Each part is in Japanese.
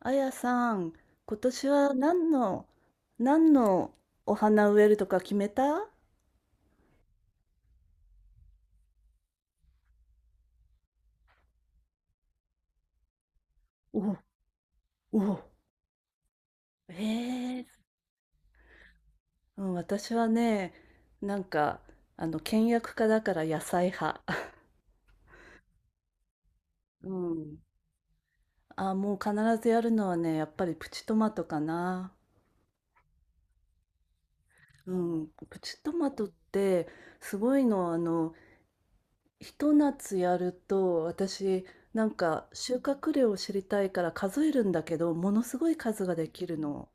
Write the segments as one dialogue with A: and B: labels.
A: あやさん、今年は何のお花植えるとか決めた？おお、ええ、うん、私はね、なんか、倹約家だから野菜派。うん。あ、もう必ずやるのはね、やっぱりプチトマトかな。うん。プチトマトって、すごいの、ひと夏やると、私、なんか、収穫量を知りたいから数えるんだけど、ものすごい数ができるの。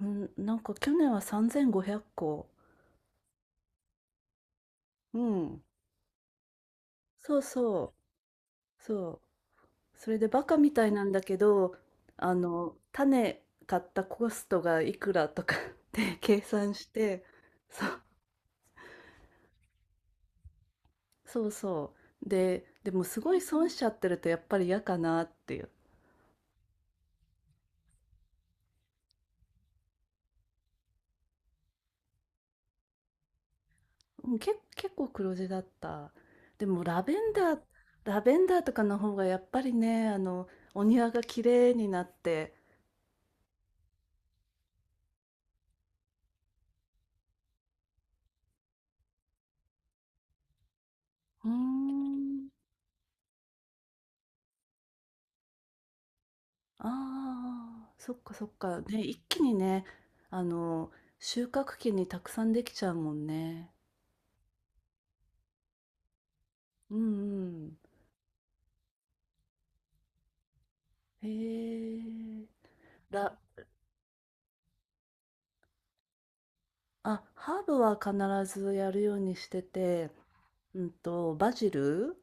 A: うん、なんか去年は3500個。うん。そうそう、そう。それでバカみたいなんだけど、種買ったコストがいくらとか って計算して、そう、そうそう。でもすごい損しちゃってるとやっぱり嫌かなっていう。うん、結構黒字だった。でもラベンダーとかの方がやっぱりね、お庭が綺麗になって、うーん。ああ、そっかそっか。ね、一気にね、あの、収穫期にたくさんできちゃうもんね。うんうん。へえ。ら、あ、ハーブは必ずやるようにしてて、バジル、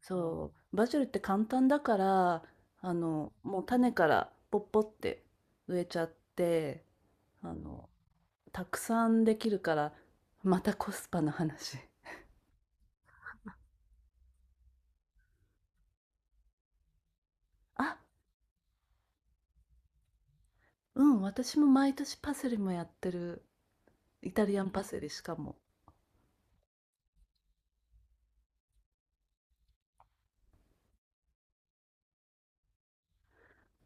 A: そう、バジルって簡単だから、もう種からポッポって植えちゃって、あの、たくさんできるから、またコスパの話。あ、うん、私も毎年パセリもやってる。イタリアンパセリしかも。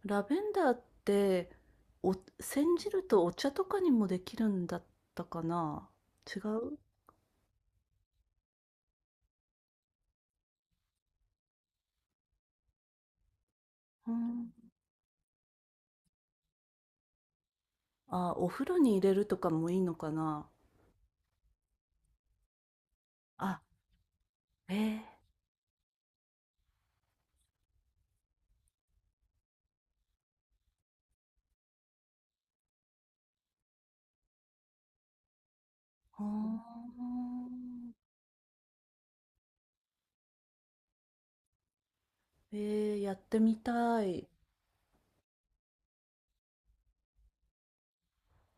A: ラベンダーってお、煎じるとお茶とかにもできるんだったかな？違う。うん。あ、お風呂に入れるとかもいいのかな。あ、えー、ほうんー、えー、やってみたい。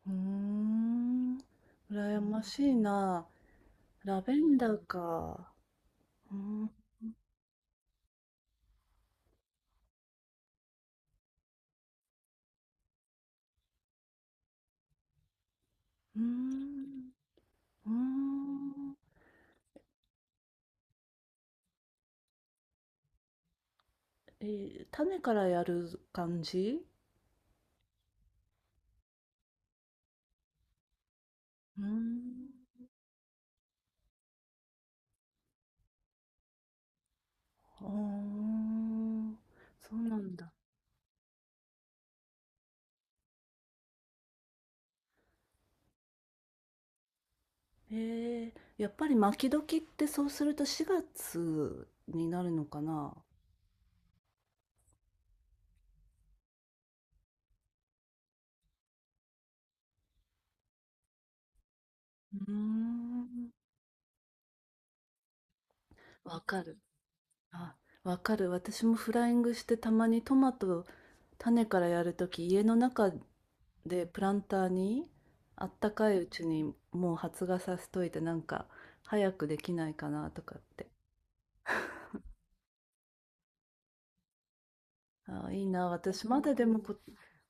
A: うーん、羨ましいな。ラベンダーか。うーん、うーん、うーん。えー、種からやる感じ？うーん。あーそうなんだ。えー、やっぱり巻き時ってそうすると4月になるのかな？うーん。わかる。あ、わかる。私もフライングして、たまにトマト種からやるとき、家の中でプランターにあったかいうちにもう発芽させといて、なんか早くできないかなとかって。あ、いいな。私まだでも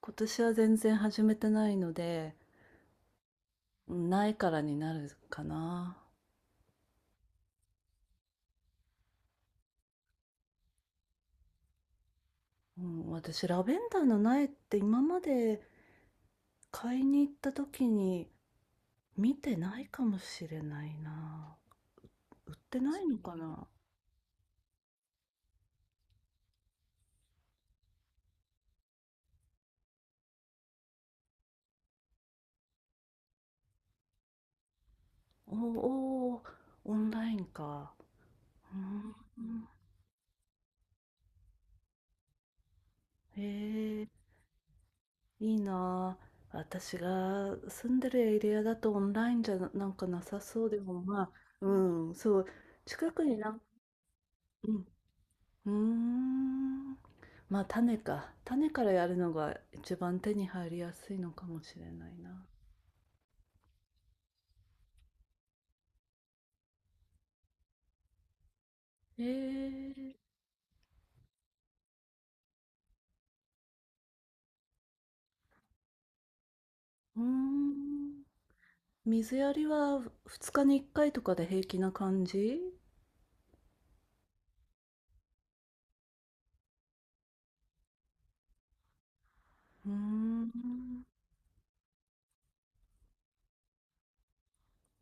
A: 今年は全然始めてないので、うん、苗からになるかな。うん、私、ラベンダーの苗って今まで買いに行った時に見てないかもしれないな。売ってないのかな？おおー、オンラインか。うん、えー、いいな。私が住んでるエリアだとオンラインじゃな、なんかなさそうでもまあ、うん、そう。近くになん、うん。うーん。まあ、種か。種からやるのが一番手に入りやすいのかもしれないな。えー、うーん。水やりは2日に1回とかで平気な感じ？うーん。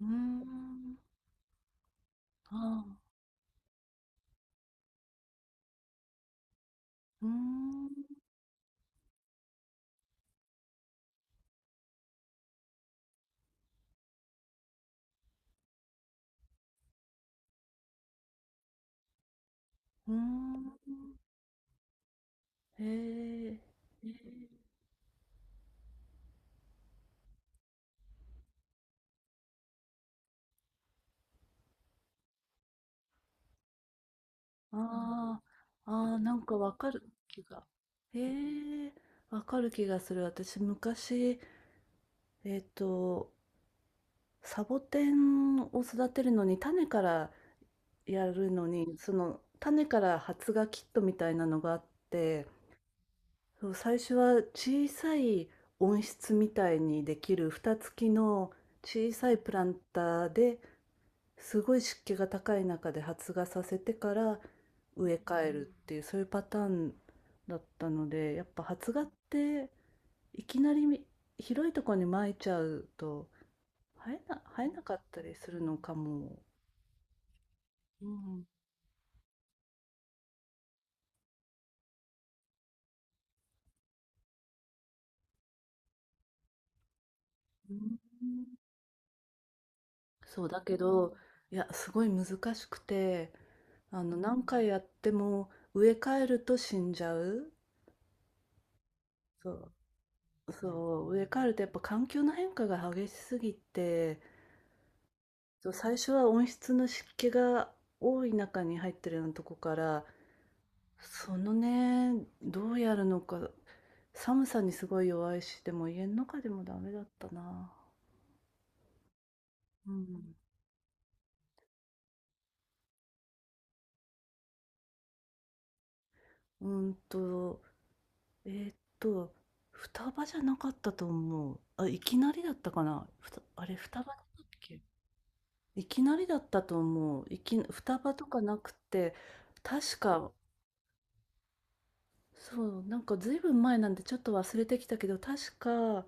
A: うーん。ああ。うーん。うーん。えー、えー、ああ。ああ、なんかわかる気が。えー、わかる気がする。私、昔、えっと、サボテンを育てるのに、種からやるのに、その種から発芽キットみたいなのがあって、そう、最初は小さい温室みたいにできる蓋付きの小さいプランターですごい湿気が高い中で発芽させてから植え替えるっていう、そういうパターンだったので、やっぱ発芽っていきなり広いところに撒いちゃうと、生えなかったりするのかも。うん、うん。そう、だけど、いや、すごい難しくて、何回やっても植え替えると死んじゃう。そう、そう、植え替えるとやっぱ環境の変化が激しすぎて、そう、最初は温室の湿気が多い中に入ってるようなとこから、そのね、どうやるのか、寒さにすごい弱いし、でも家の中でもダメだったな。うん。うんと、えーっと、双葉じゃなかったと思う。あ、いきなりだったかな。あれ、双葉だったっけ？いきなりだったと思う。双葉とかなくて、確か、そう、なんかずいぶん前なんでちょっと忘れてきたけど、確か、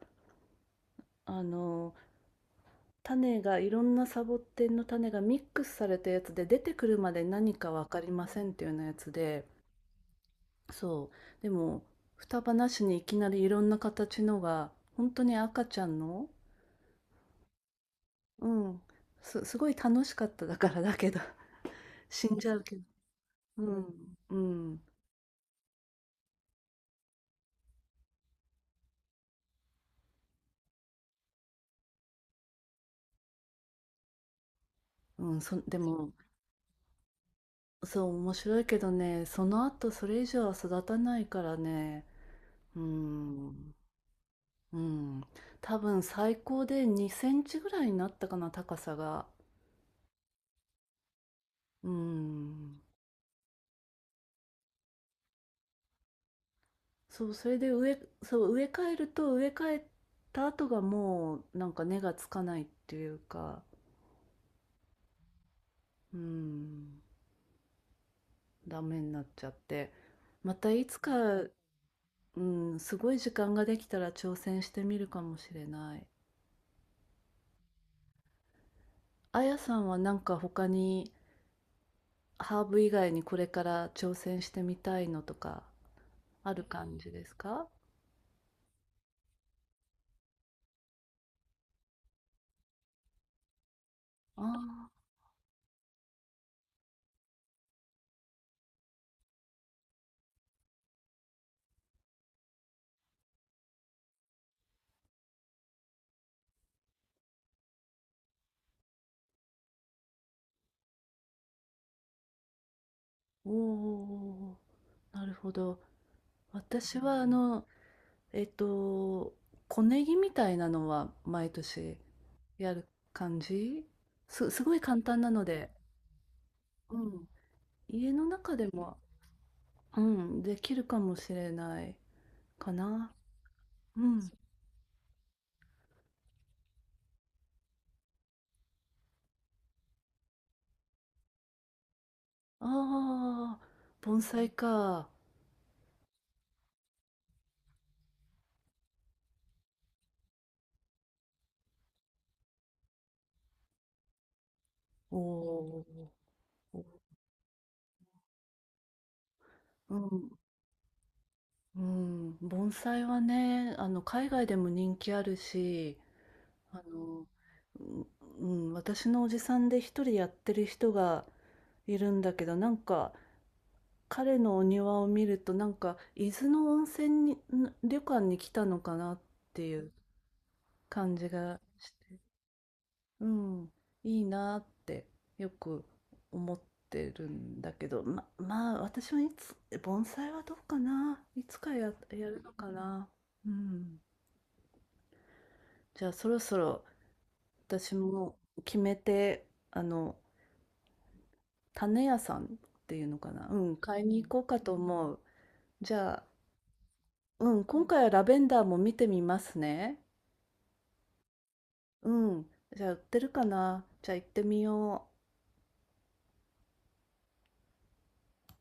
A: あの、種が、いろんなサボテンの種がミックスされたやつで、出てくるまで何かわかりませんっていうようなやつで、そう。でも、双葉なしにいきなりいろんな形のが、本当に赤ちゃんの、うん。すごい楽しかった、だから、だけど、死んじゃうけど。うん。うん、うん、でも、そう、面白いけどね、その後それ以上は育たないからね、うん、うん、多分最高で2センチぐらいになったかな、高さが。うん。そう、それで植え替えると、植え替えた後がもう、なんか根がつかないっていうか、うん、ダメになっちゃって。またいつか。うん、すごい時間ができたら挑戦してみるかもしれない。あやさんはなんか他にハーブ以外にこれから挑戦してみたいのとかある感じですか？ああー、おーおー、なるほど。私はえっと、小ネギみたいなのは毎年やる感じ、すごい簡単なので、うん、家の中でも、うん、できるかもしれないかな。うん。ああ、盆栽か。おお、うん、うん、盆栽はね、海外でも人気あるし、あの、うん、うん、私のおじさんで一人やってる人がいるんだけど、なんか、彼のお庭を見ると、なんか、伊豆の温泉に、旅館に来たのかなっていう感じがして。うん、いいなってよく思ってるんだけど、まあ私はいつ、盆栽はどうかな、かやるのかな。うん。じゃあそろそろ私も決めて、あの、種屋さんっていうのかな、うん、買いに行こうかと思う。じゃあ、うん、今回はラベンダーも見てみますね。うん、じゃあ売ってるかな、じゃあ行ってみよう。